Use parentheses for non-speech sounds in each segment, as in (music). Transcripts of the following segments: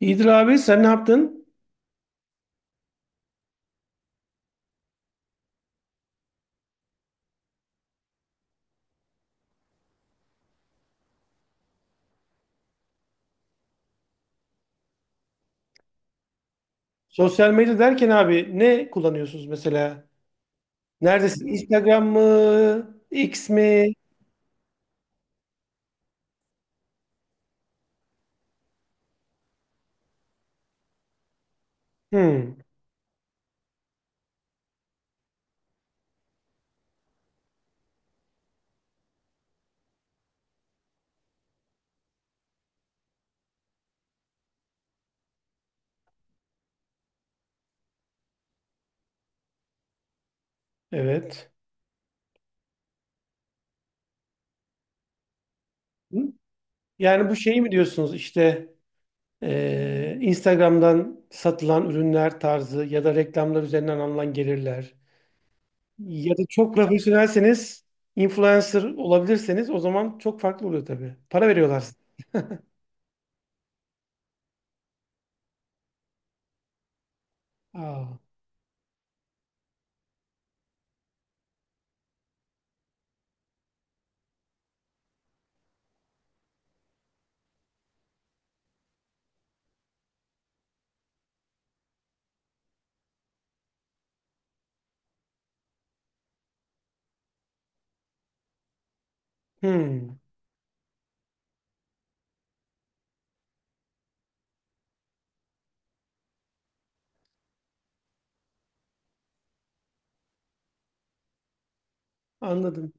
İyidir abi, sen ne yaptın? Sosyal medya derken abi, ne kullanıyorsunuz mesela? Neredesin? Instagram mı? X mi? Hmm, evet. Hı? Yani bu şeyi mi diyorsunuz işte, Instagram'dan satılan ürünler tarzı ya da reklamlar üzerinden alınan gelirler. Ya da çok profesyonelseniz, influencer olabilirseniz o zaman çok farklı oluyor tabii. Para veriyorlar size. Aa, hmm, anladım.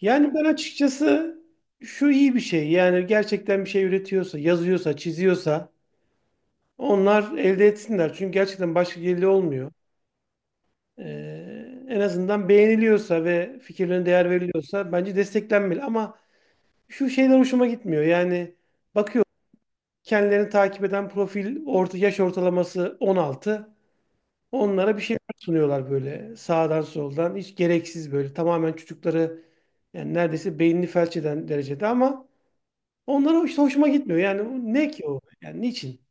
Yani ben açıkçası şu iyi bir şey. Yani gerçekten bir şey üretiyorsa, yazıyorsa, çiziyorsa onlar elde etsinler. Çünkü gerçekten başka geliri olmuyor. En azından beğeniliyorsa ve fikirlerine değer veriliyorsa bence desteklenmeli. Ama şu şeyler hoşuma gitmiyor. Yani bakıyor, kendilerini takip eden profil orta yaş ortalaması 16. Onlara bir şeyler sunuyorlar böyle sağdan soldan. Hiç gereksiz, böyle tamamen çocukları yani neredeyse beynini felç eden derecede, ama onlara işte hoşuma gitmiyor. Yani ne ki o? Yani niçin?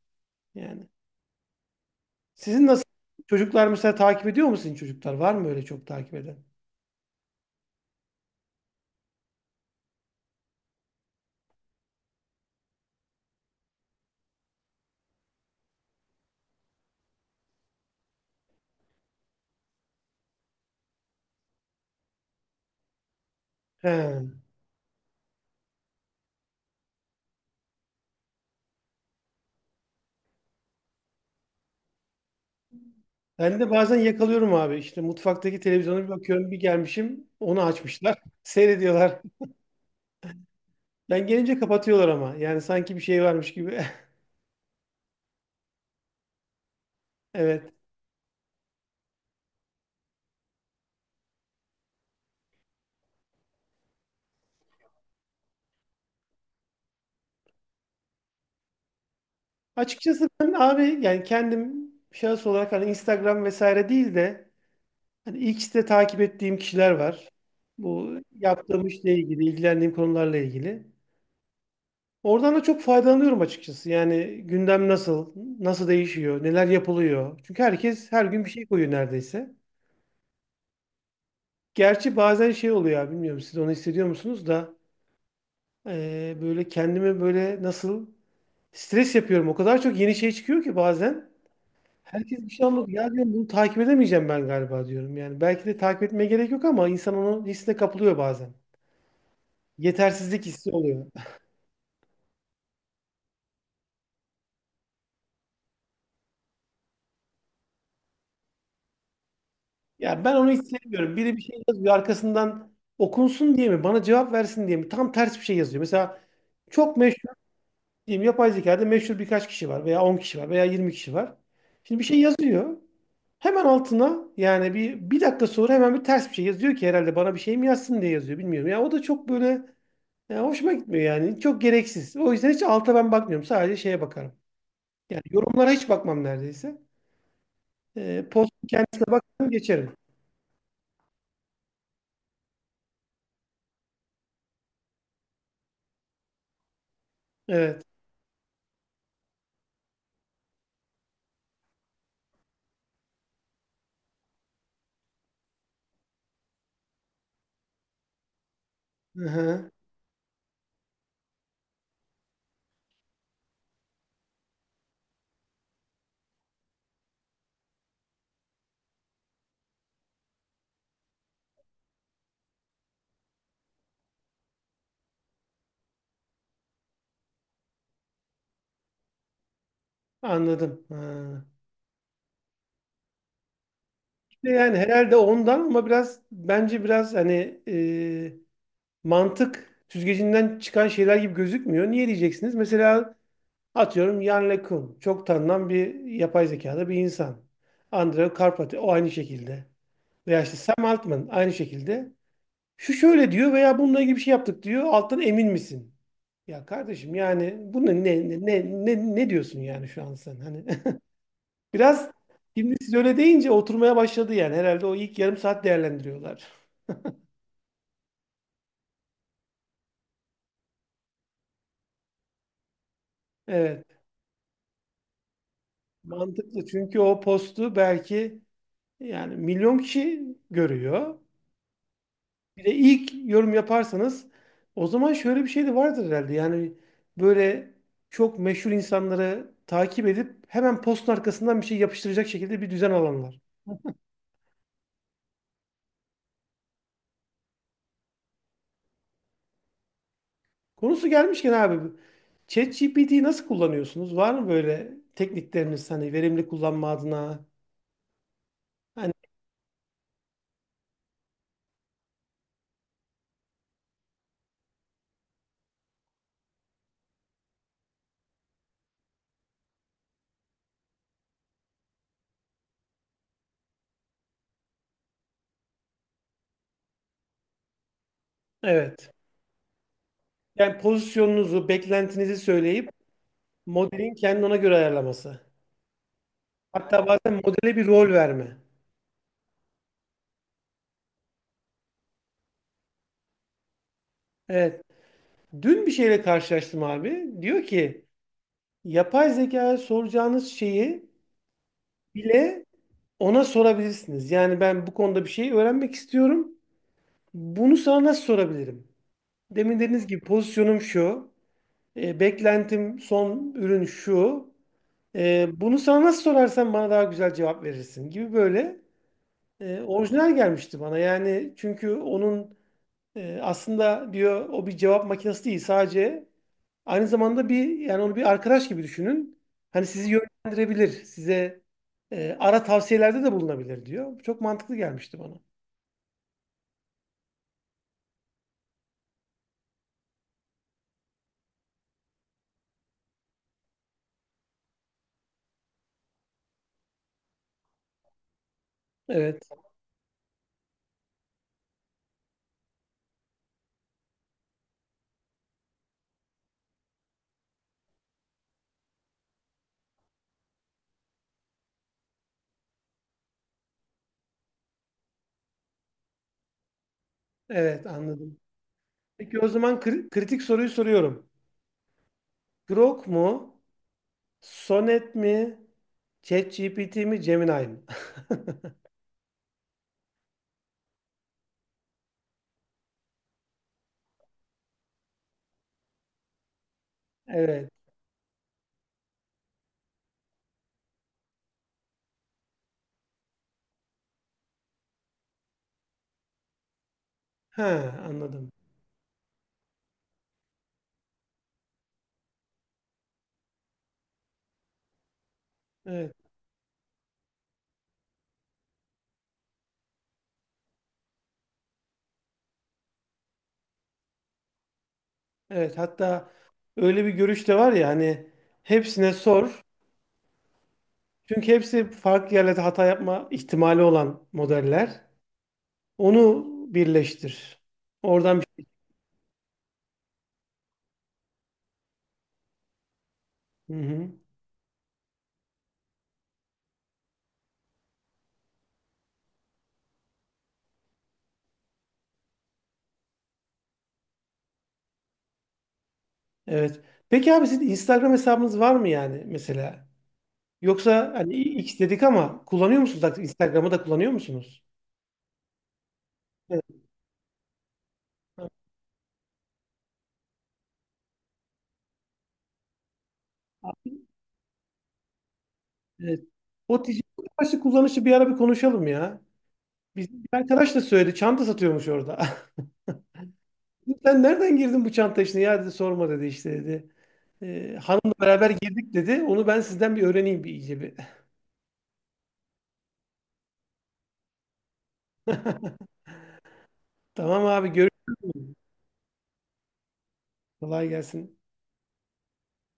Yani sizin nasıl, çocuklar mesela takip ediyor mu, sizin çocuklar? Var mı öyle çok takip eden? He. Ben de bazen yakalıyorum abi. İşte mutfaktaki televizyona bir bakıyorum, bir gelmişim onu açmışlar. (laughs) Seyrediyorlar. Ben gelince kapatıyorlar ama. Yani sanki bir şey varmış gibi. (laughs) Evet. Açıkçası ben abi, yani kendim şahıs olarak, hani Instagram vesaire değil de hani X'te takip ettiğim kişiler var. Bu yaptığım işle ilgili, ilgilendiğim konularla ilgili. Oradan da çok faydalanıyorum açıkçası. Yani gündem nasıl, nasıl değişiyor, neler yapılıyor. Çünkü herkes her gün bir şey koyuyor neredeyse. Gerçi bazen şey oluyor abi, bilmiyorum siz onu hissediyor musunuz da, böyle kendime böyle nasıl stres yapıyorum. O kadar çok yeni şey çıkıyor ki bazen. Herkes bir şey anlatıyor. Ya diyorum, bunu takip edemeyeceğim ben galiba diyorum. Yani belki de takip etmeye gerek yok ama insan onun hissine kapılıyor bazen. Yetersizlik hissi oluyor. Ya, ben onu hiç sevmiyorum. Biri bir şey yazıyor arkasından okunsun diye mi? Bana cevap versin diye mi? Tam ters bir şey yazıyor. Mesela çok meşhur diyeyim, yapay zekada meşhur birkaç kişi var veya 10 kişi var veya 20 kişi var. Şimdi bir şey yazıyor. Hemen altına yani bir dakika sonra hemen bir ters bir şey yazıyor ki, herhalde bana bir şey mi yazsın diye yazıyor bilmiyorum. Ya o da çok böyle, ya hoşuma gitmiyor yani. Çok gereksiz. O yüzden hiç alta ben bakmıyorum. Sadece şeye bakarım. Yani yorumlara hiç bakmam neredeyse. Post kendisini geçerim. Evet. Hı hı. Anladım. Ha. İşte yani herhalde ondan, ama biraz bence biraz hani mantık süzgecinden çıkan şeyler gibi gözükmüyor. Niye diyeceksiniz? Mesela atıyorum Yann Le Kun. Çok tanınan bir, yapay zekada bir insan. Andrei Karpathy o aynı şekilde. Veya işte Sam Altman aynı şekilde. Şu şöyle diyor veya bununla ilgili bir şey yaptık diyor. Alttan emin misin? Ya kardeşim, yani bunu ne diyorsun yani şu an sen hani... (laughs) Biraz, şimdi siz öyle deyince oturmaya başladı yani. Herhalde o ilk yarım saat değerlendiriyorlar. Evet. Mantıklı. Çünkü o postu belki yani milyon kişi görüyor. Bir de ilk yorum yaparsanız o zaman şöyle bir şey de vardır herhalde. Yani böyle çok meşhur insanları takip edip hemen postun arkasından bir şey yapıştıracak şekilde bir düzen alanlar. Konusu gelmişken abi, ChatGPT'yi nasıl kullanıyorsunuz? Var mı böyle teknikleriniz hani, verimli kullanma adına? Hani evet. Yani pozisyonunuzu, beklentinizi söyleyip modelin kendini ona göre ayarlaması. Hatta bazen modele bir rol verme. Evet. Dün bir şeyle karşılaştım abi. Diyor ki yapay zekaya soracağınız şeyi bile ona sorabilirsiniz. Yani ben bu konuda bir şey öğrenmek istiyorum. Bunu sana nasıl sorabilirim? Demin dediğiniz gibi pozisyonum şu. Beklentim son ürün şu. Bunu sana nasıl sorarsam bana daha güzel cevap verirsin gibi böyle. Orijinal gelmişti bana, yani çünkü onun aslında diyor, o bir cevap makinesi değil sadece, aynı zamanda bir, yani onu bir arkadaş gibi düşünün. Hani sizi yönlendirebilir, size ara tavsiyelerde de bulunabilir diyor. Çok mantıklı gelmişti bana. Evet, evet, anladım. Peki o zaman kritik soruyu soruyorum. Grok mu, Sonnet mi, ChatGPT mi, Gemini mi? (laughs) Evet, ha, anladım. Evet. Evet hatta öyle bir görüş de var ya hani, hepsine sor. Çünkü hepsi farklı yerlerde hata yapma ihtimali olan modeller. Onu birleştir. Oradan bir... Hı hı. Evet. Peki abi, sizin Instagram hesabınız var mı, yani mesela? Yoksa hani X dedik ama kullanıyor musunuz? Artık Instagram'ı da kullanıyor musunuz? Evet. Evet. O ticaret kullanışı bir ara bir konuşalım ya. Biz, bir arkadaş da söyledi. Çanta satıyormuş orada. (laughs) Sen nereden girdin bu çanta işine? Ya dedi, sorma dedi, işte dedi. Hanımla beraber girdik dedi. Onu ben sizden bir öğreneyim, bir iyice bir. (laughs) Tamam abi, görüşürüz. Kolay gelsin.